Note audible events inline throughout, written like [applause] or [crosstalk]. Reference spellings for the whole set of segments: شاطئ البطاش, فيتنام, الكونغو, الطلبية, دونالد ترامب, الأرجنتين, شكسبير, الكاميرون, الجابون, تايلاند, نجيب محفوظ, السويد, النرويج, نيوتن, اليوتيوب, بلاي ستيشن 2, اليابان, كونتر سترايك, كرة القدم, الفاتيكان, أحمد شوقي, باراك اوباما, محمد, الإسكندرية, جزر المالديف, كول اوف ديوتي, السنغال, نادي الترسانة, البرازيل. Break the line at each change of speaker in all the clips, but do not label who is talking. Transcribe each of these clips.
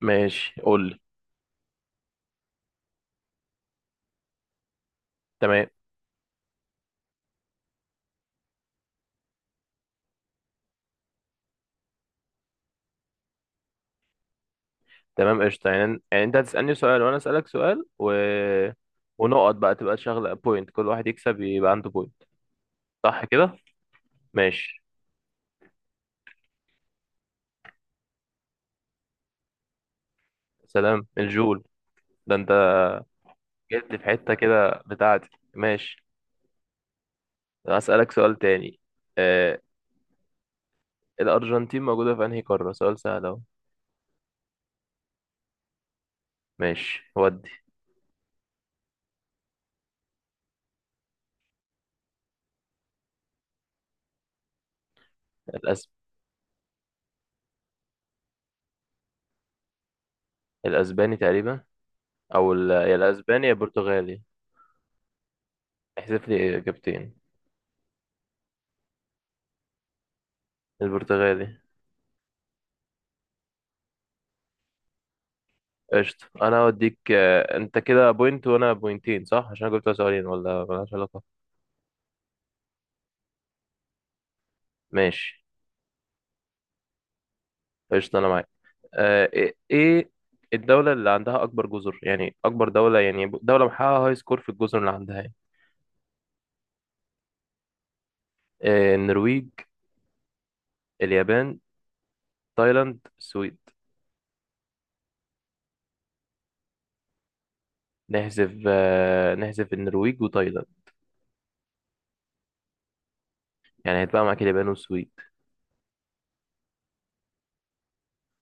ماشي، قول لي. تمام. تمام قشطة، يعني انت هتسألني سؤال وانا اسألك سؤال ونقط بقى، تبقى شغلة بوينت، كل واحد يكسب يبقى عنده بوينت. صح كده؟ ماشي. سلام الجول. ده انت جيت لي في حتة كده بتاعتي. ماشي. هسألك سؤال تاني. آه... الأرجنتين موجودة في انهي قارة؟ سؤال سهل اهو. ماشي ودي. الأس... الأسباني تقريبا. يا الأسباني يا البرتغالي. احذف لي إجابتين. البرتغالي. قشطة. أنا هوديك. أنت كده بوينت وأنا بوينتين، صح؟ عشان أنا جبت سؤالين، ولا ملهاش علاقة؟ ماشي قشطة أنا معاك. إيه الدولة اللي عندها أكبر جزر؟ يعني أكبر دولة، يعني دولة محققة هاي سكور في الجزر اللي عندها يعني. النرويج، اليابان، تايلاند، السويد. نحذف، نحذف النرويج وتايلاند. يعني هيتبقى معاك اليابان والسويد.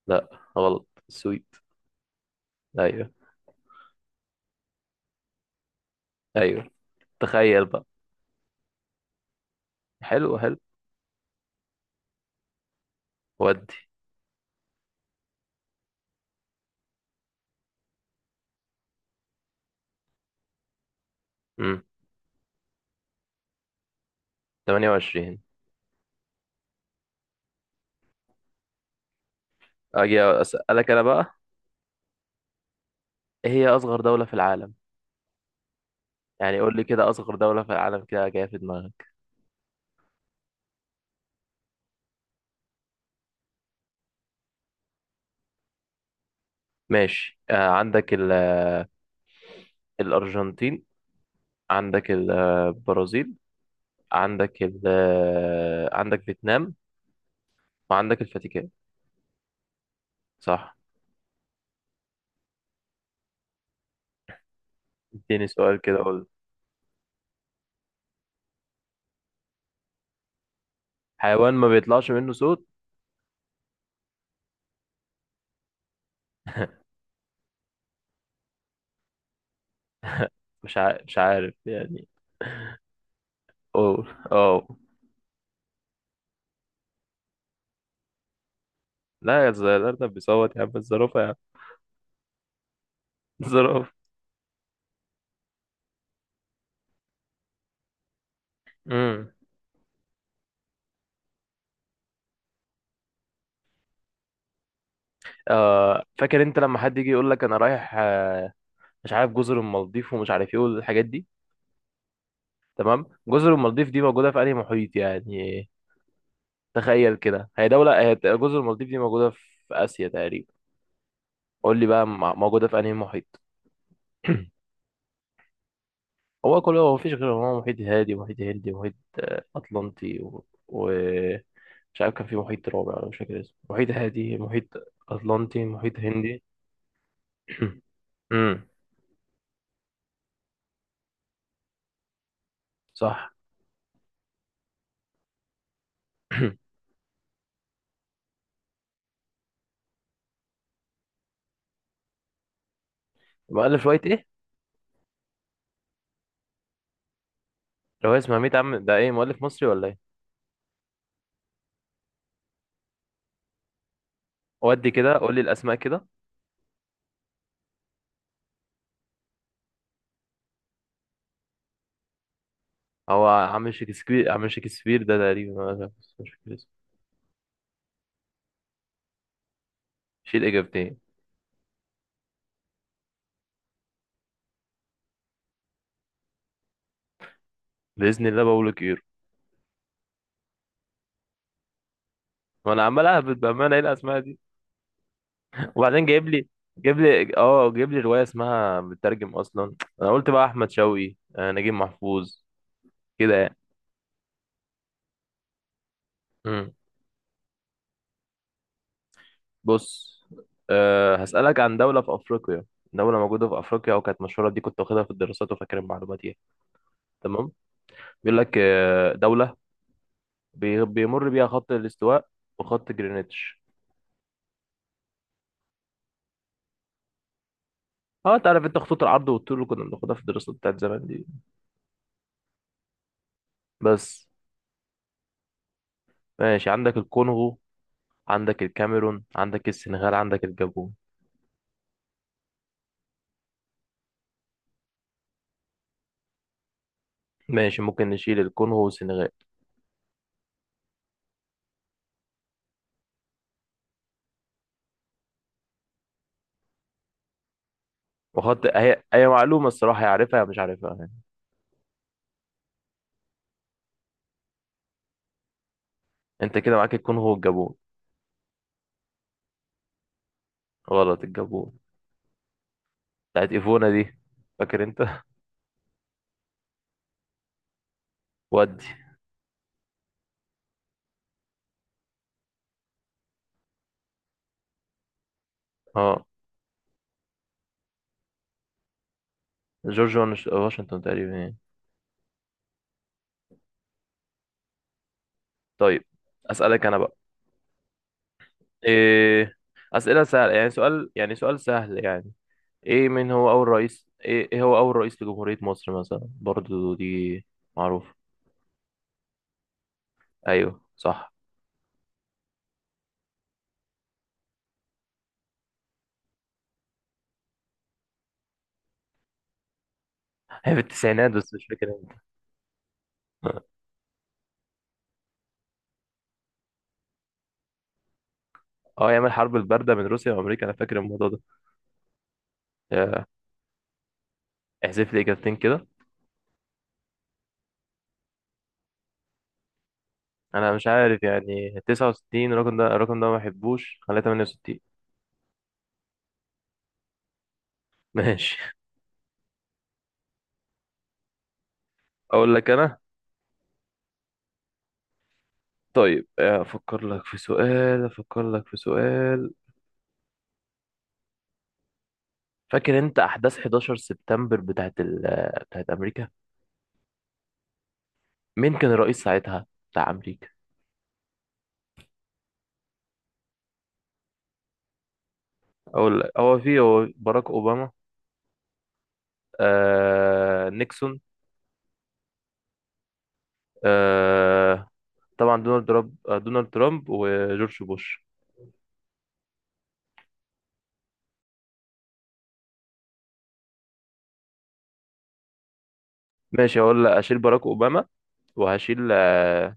لا، غلط. السويد. أيوه أيوه. تخيل بقى. حلو حلو. ودي. مم. 28. أجي أسألك أنا بقى. ايه هي اصغر دولة في العالم؟ يعني قول لي كده، اصغر دولة في العالم كده جاية في دماغك. ماشي. آه عندك الارجنتين، عندك البرازيل، عندك عندك فيتنام، وعندك الفاتيكان. صح. اديني سؤال كده، قول. حيوان ما بيطلعش منه صوت. [laughs] مش عارف، مش عارف يعني. اوه، اوه. لا، يا الارنب بيصوت يا عم، الزرافة يا عم. [laughs] الزرافة. امم. آه، فاكر انت لما حد يجي يقول لك انا رايح، آه، مش عارف، جزر المالديف ومش عارف ايه والحاجات دي. تمام، جزر المالديف دي موجودة في أنهي محيط يعني. تخيل كده، هي دولة، هي جزر المالديف دي موجودة في آسيا تقريبا. قول لي بقى، موجودة في أنهي محيط. [clears throat] هو كله، هو مفيش غير هو، محيط هادي ومحيط هندي ومحيط أطلنطي مش عارف كان في محيط رابع أنا مش فاكر اسمه. محيط هادي، محيط أطلنطي، محيط هندي. [clears throat] امم. صح. [clears throat] مؤلف رواية ايه؟ رواية اسمها 100 عام، ده ايه، مؤلف مصري ولا ايه؟ ودي كده، قول لي الأسماء كده. هو عم شكسبير، عم شكسبير ده تقريبا. أنا مش فاكر اسمه. شيل إجابتين. بإذن الله بقول لك إيرو. وأنا عمال أهبط بأمانة، إيه الأسماء دي؟ وبعدين جايب لي، جايب لي أه جايب لي رواية اسمها مترجم أصلا. أنا قلت بقى أحمد شوقي، نجيب محفوظ. كده يعني. مم. بص. أه، هسألك عن دولة في أفريقيا. دولة موجودة في أفريقيا وكانت مشهورة، دي كنت واخدها في الدراسات وفاكر المعلومات دي. تمام. بيقول لك، دولة بيمر بيها خط الاستواء وخط جرينتش. اه، انت عارف انت خطوط العرض والطول اللي كنا بناخدها في الدراسات بتاعت زمان دي. بس. ماشي، عندك الكونغو، عندك الكاميرون، عندك السنغال، عندك الجابون. ماشي، ممكن نشيل الكونغو والسنغال. وحط، هي هي معلومة الصراحة، يعرفها يا مش عارفها يعني. انت كده معاك الكونغو والجابون. غلط، الجابون. بتاعت ايفونا دي، فاكر انت؟ [laughs] ودي. اه، جورج واشنطن تقريبا يعني. طيب، اسألك انا بقى. إيه أسئلة سهلة يعني، سؤال يعني، سؤال سهل يعني. ايه، من هو اول رئيس، إيه هو اول رئيس لجمهورية مصر مثلا؟ برضو دي معروفة. ايوه صح. هي في التسعينات بس مش فاكر امتى. [laughs] اه، ايام الحرب الباردة بين روسيا وامريكا، انا فاكر الموضوع ده. آه، احذف لي اجابتين كده. انا مش عارف يعني، 69 الرقم ده، الرقم ده ما بحبوش، خليها 68. ماشي. اقول لك انا. طيب، افكر لك في سؤال. فاكر انت احداث 11 سبتمبر بتاعت امريكا؟ مين كان الرئيس ساعتها بتاع امريكا؟ اقول لك، هو في باراك اوباما، آه نيكسون، آه طبعا دونالد ترامب، دونالد ترامب وجورج بوش. ماشي، هقول لك اشيل باراك اوباما، وهشيل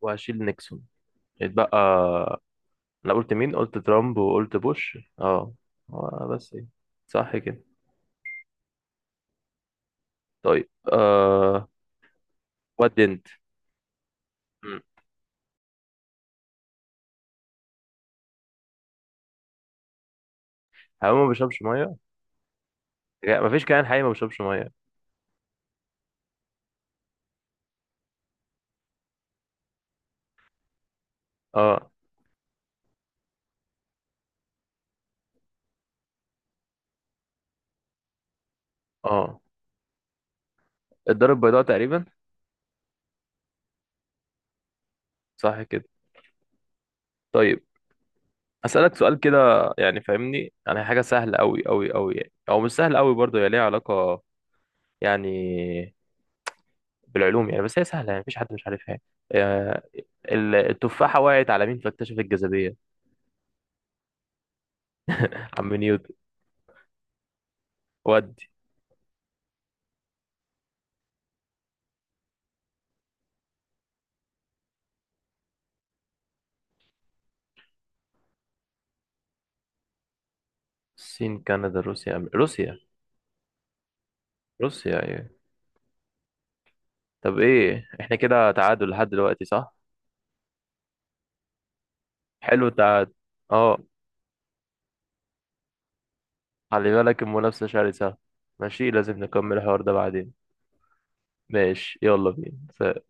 وهشيل نيكسون. اتبقى، انا قلت مين؟ قلت ترامب وقلت بوش. اه. بس ايه. صح كده. طيب آه. ودي انت. مم. حيوان ما بيشربش ميه. لا، مفيش كائن حي ما بيشربش ميه. اه اه. الدار البيضاء تقريبا. صح كده. طيب اسالك سؤال كده. يعني فاهمني، يعني حاجه سهله قوي قوي قوي يعني، او مش سهله قوي برضه، هي ليها علاقه يعني بالعلوم يعني، بس هي سهله يعني، مفيش حد مش عارفها يعني. آه، التفاحه وقعت على مين فاكتشف الجاذبيه؟ [laughs] عم نيوتن. ودي. الصين، كندا، روسيا، روسيا. روسيا ايوه. طب ايه، احنا كده تعادل لحد دلوقتي، صح؟ حلو التعادل. اه. خلي بالك، المنافسه شرسه. ماشي، لازم نكمل الحوار ده بعدين. ماشي، يلا بينا، سلام.